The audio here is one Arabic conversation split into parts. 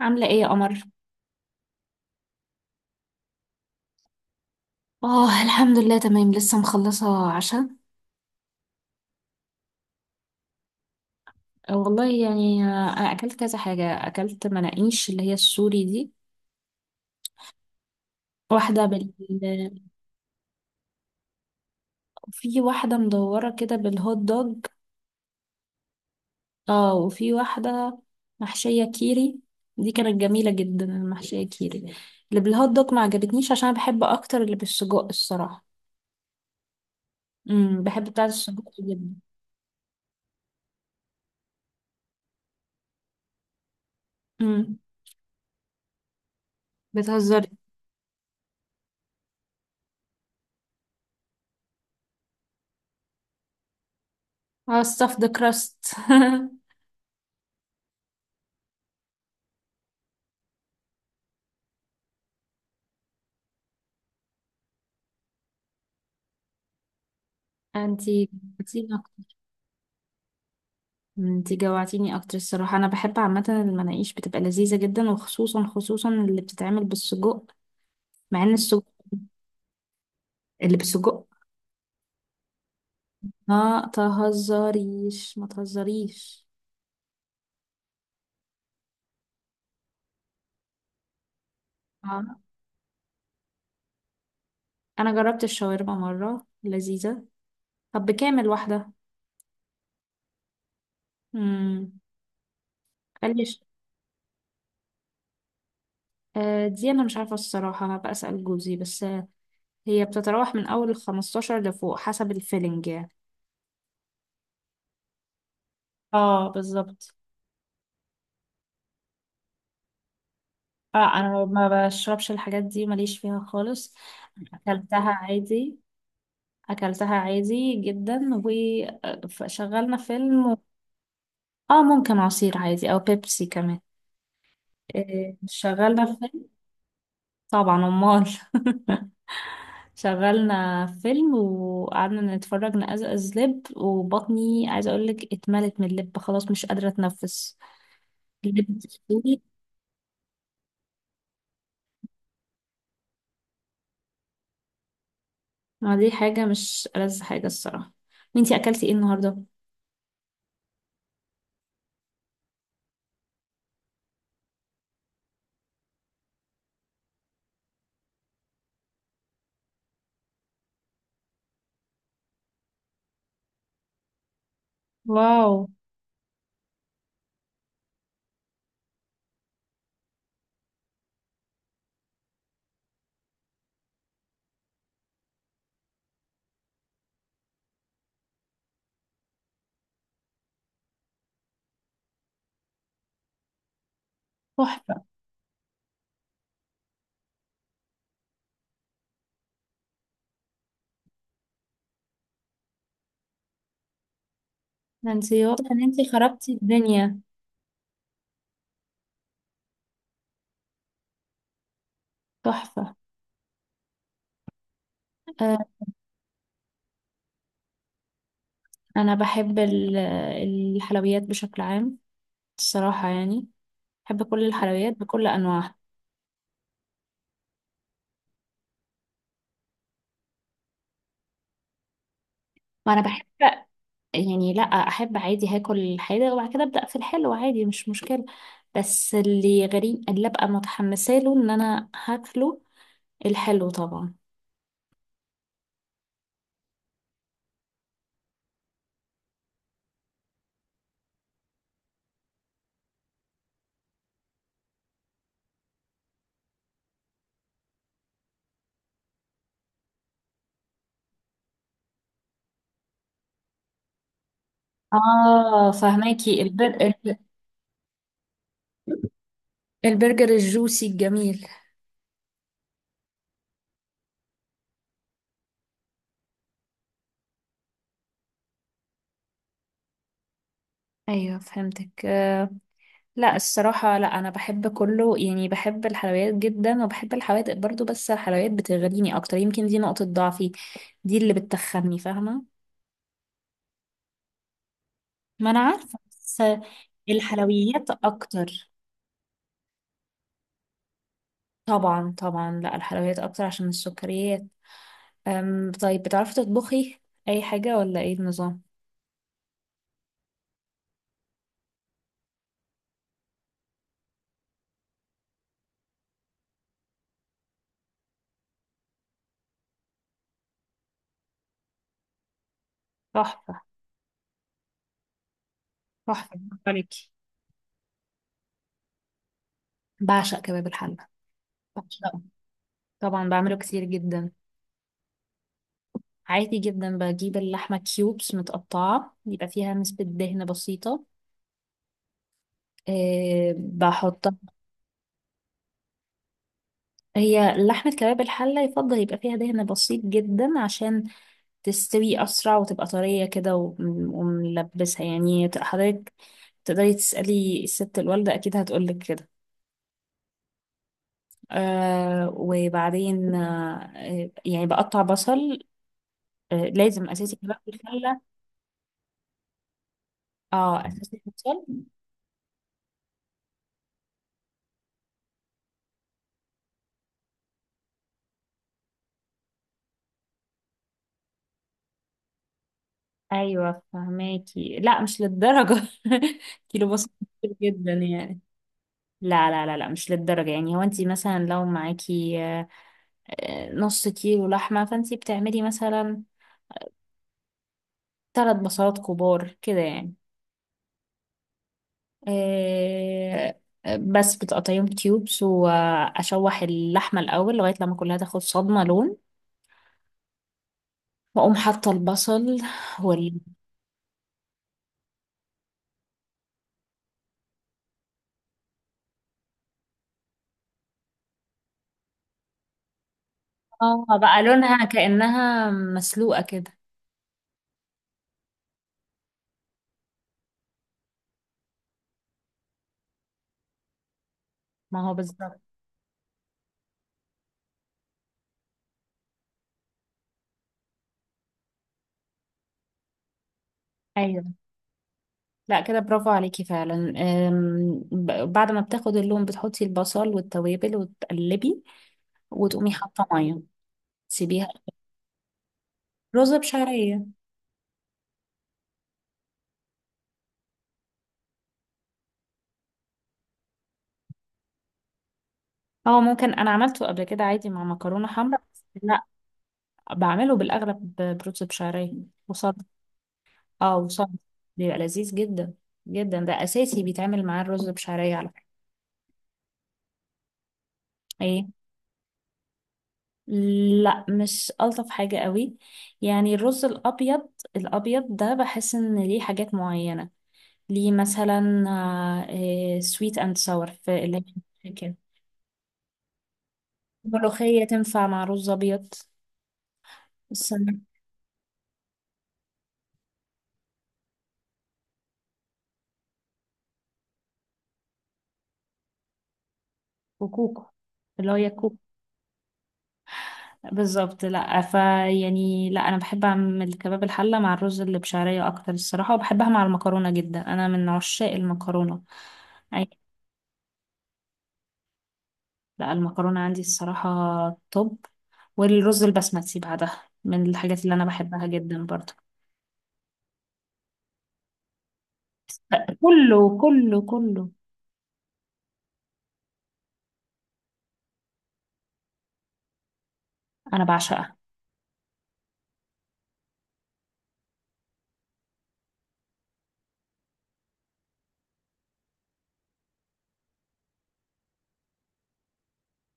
عاملة ايه يا قمر؟ اه، الحمد لله تمام، لسه مخلصة عشاء. والله يعني اكلت كذا حاجة، اكلت مناقيش اللي هي السوري دي. واحدة بال في واحدة مدورة كده بالهوت دوج. اه، وفي واحدة محشية كيري. دي كانت جميلة جدا، المحشية كيري. اللي بالهوت دوج ما عجبتنيش، عشان انا بحب اكتر اللي بالسجق الصراحة. بحب بتاعة السجق جدا. امم. بتهزري؟ اه، stuff the crust. انتي بتيجي؟ انت جوعتيني اكتر الصراحة، انا بحب عامة المناقيش بتبقى لذيذة جدا، وخصوصا خصوصا اللي بتتعمل بالسجق. مع ان السجق، اللي بالسجق. ما تهزريش ما تهزريش. اه، انا جربت الشاورما مرة، لذيذة. طب بكامل واحدة؟ امم. قاليش. آه، دي انا مش عارفة الصراحة، هبقى اسأل جوزي، بس هي بتتراوح من اول 15 لفوق، حسب الفيلنج يعني. اه، بالظبط. اه، انا ما بشربش الحاجات دي، ماليش فيها خالص. اكلتها عادي، اكلتها عادي جدا، وشغلنا فيلم اه، ممكن عصير عادي او بيبسي كمان. إيه، شغلنا فيلم. طبعا، امال. شغلنا فيلم وقعدنا نتفرج نقزقز لب، وبطني عايزه اقول لك اتملت من اللب خلاص، مش قادره اتنفس. اللب تقيل. ما دي حاجه، مش ألذ حاجه الصراحه. وانتي اكلتي ايه النهارده؟ واو. تحفة. ده انت واضح ان انت خربتي الدنيا. تحفة. آه، انا بحب الحلويات بشكل عام، الصراحة يعني. بحب كل الحلويات بكل انواعها. وانا بحب يعني، لا احب عادي، هاكل الحادق وبعد كده ابدا في الحلو عادي، مش مشكلة. بس اللي غريب اللي ابقى متحمسه له ان انا هاكله الحلو طبعا. اه، فهماكي البرجر الجوسي الجميل. ايوه، فهمتك. لا الصراحة، لا أنا بحب كله يعني، بحب الحلويات جدا وبحب الحوادق برضو، بس الحلويات بتغريني أكتر، يمكن دي نقطة ضعفي، دي اللي بتخني، فاهمة. ما انا عارفه، بس الحلويات اكتر. طبعا طبعا، لا الحلويات أكتر عشان السكريات. طيب، بتعرفي تطبخي أي حاجة ولا إيه النظام؟ تحفه. تحفه، برافو عليكي. بعشق كباب الحلة. بعشقه. طبعا، بعمله كتير جدا. عادي جدا، بجيب اللحمة كيوبس متقطعة، يبقى فيها نسبة دهن بسيطة. بحطها. هي لحمة كباب الحلة يفضل يبقى فيها دهن بسيط جدا، عشان تستوي أسرع وتبقى طرية كده وملبسها يعني حضرتك تقدري تسألي الست الوالدة، أكيد هتقولك كده. آه، وبعدين يعني بقطع بصل. آه، لازم أساسي كباب الحلة. اه، أساسي بصل. أيوة، فهماكي. لا، مش للدرجة. كيلو بصل كتير جدا يعني. لا لا لا لا، مش للدرجة يعني، هو انت مثلا لو معاكي نص كيلو لحمة، فانت بتعملي مثلا ثلاث بصلات كبار كده يعني. آه، بس بتقطعيهم كيوبس، واشوح اللحمة الاول لغاية لما كلها تاخد صدمة لون، واقوم حاطة البصل وال اه، بقى لونها كأنها مسلوقة كده. ما هو بالظبط. ايوه. لا كده، برافو عليكي فعلا. بعد ما بتاخد اللون بتحطي البصل والتوابل وتقلبي، وتقومي حاطه ميه. تسيبيها. رز بشعريه. اه، ممكن، انا عملته قبل كده عادي مع مكرونه حمرا، بس لا. بعمله بالاغلب برز بشعريه وصد. اه، وصد. بيبقى لذيذ جدا جدا، ده اساسي بيتعمل معاه الرز بشعريه على فكره. ايه، لا مش الطف حاجه قوي، يعني الرز الابيض. الابيض ده بحس ان ليه حاجات معينه. ليه مثلا سويت اند ساور، في اللي هي كده ملوخية تنفع مع رز أبيض، السمك. وكوكو، اللي هو يا كوكو. بالظبط. لا، فيعني لا أنا بحب أعمل كباب الحلة مع الرز اللي بشعرية أكتر الصراحة، وبحبها مع المكرونة جدا، أنا من عشاق المكرونة. أي. لا المكرونة عندي الصراحة توب، والرز البسمتي بعدها من الحاجات اللي أنا بحبها جدا برضه. كله كله كله. أنا بعشقها.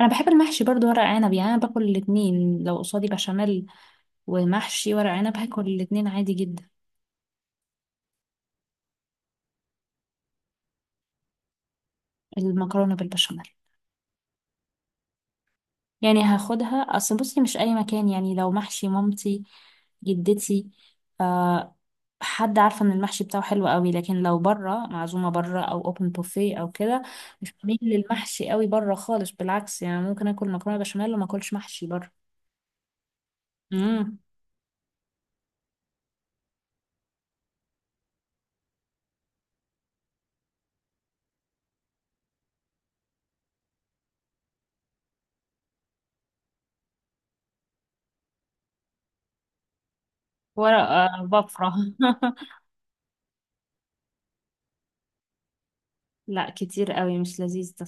انا بحب المحشي برضو، ورق عنب، يعني انا باكل الاتنين، لو قصادي بشاميل ومحشي ورق عنب هاكل الاتنين عادي جدا. المكرونه بالبشاميل. يعني هاخدها، اصل بصي، مش اي مكان، يعني لو محشي مامتي، جدتي، آه حد عارفه ان المحشي بتاعه حلو قوي، لكن لو بره، معزومه بره او اوبن بوفيه او كده، مش بميل للمحشي قوي بره خالص، بالعكس يعني، ممكن اكل مكرونه بشاميل وما اكلش محشي بره. امم. ورق بفرة. لا كتير قوي، مش لذيذ ده.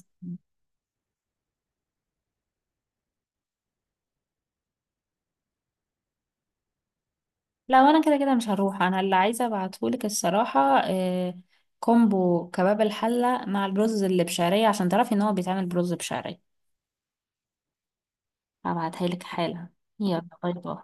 لا، وانا كده كده مش هروح، انا اللي عايزه ابعتهولك الصراحه. آه، كومبو كباب الحله مع الرز اللي بشعريه عشان تعرفي ان هو بيتعمل برز بشعريه. هبعتها لك حالا. يلا باي باي.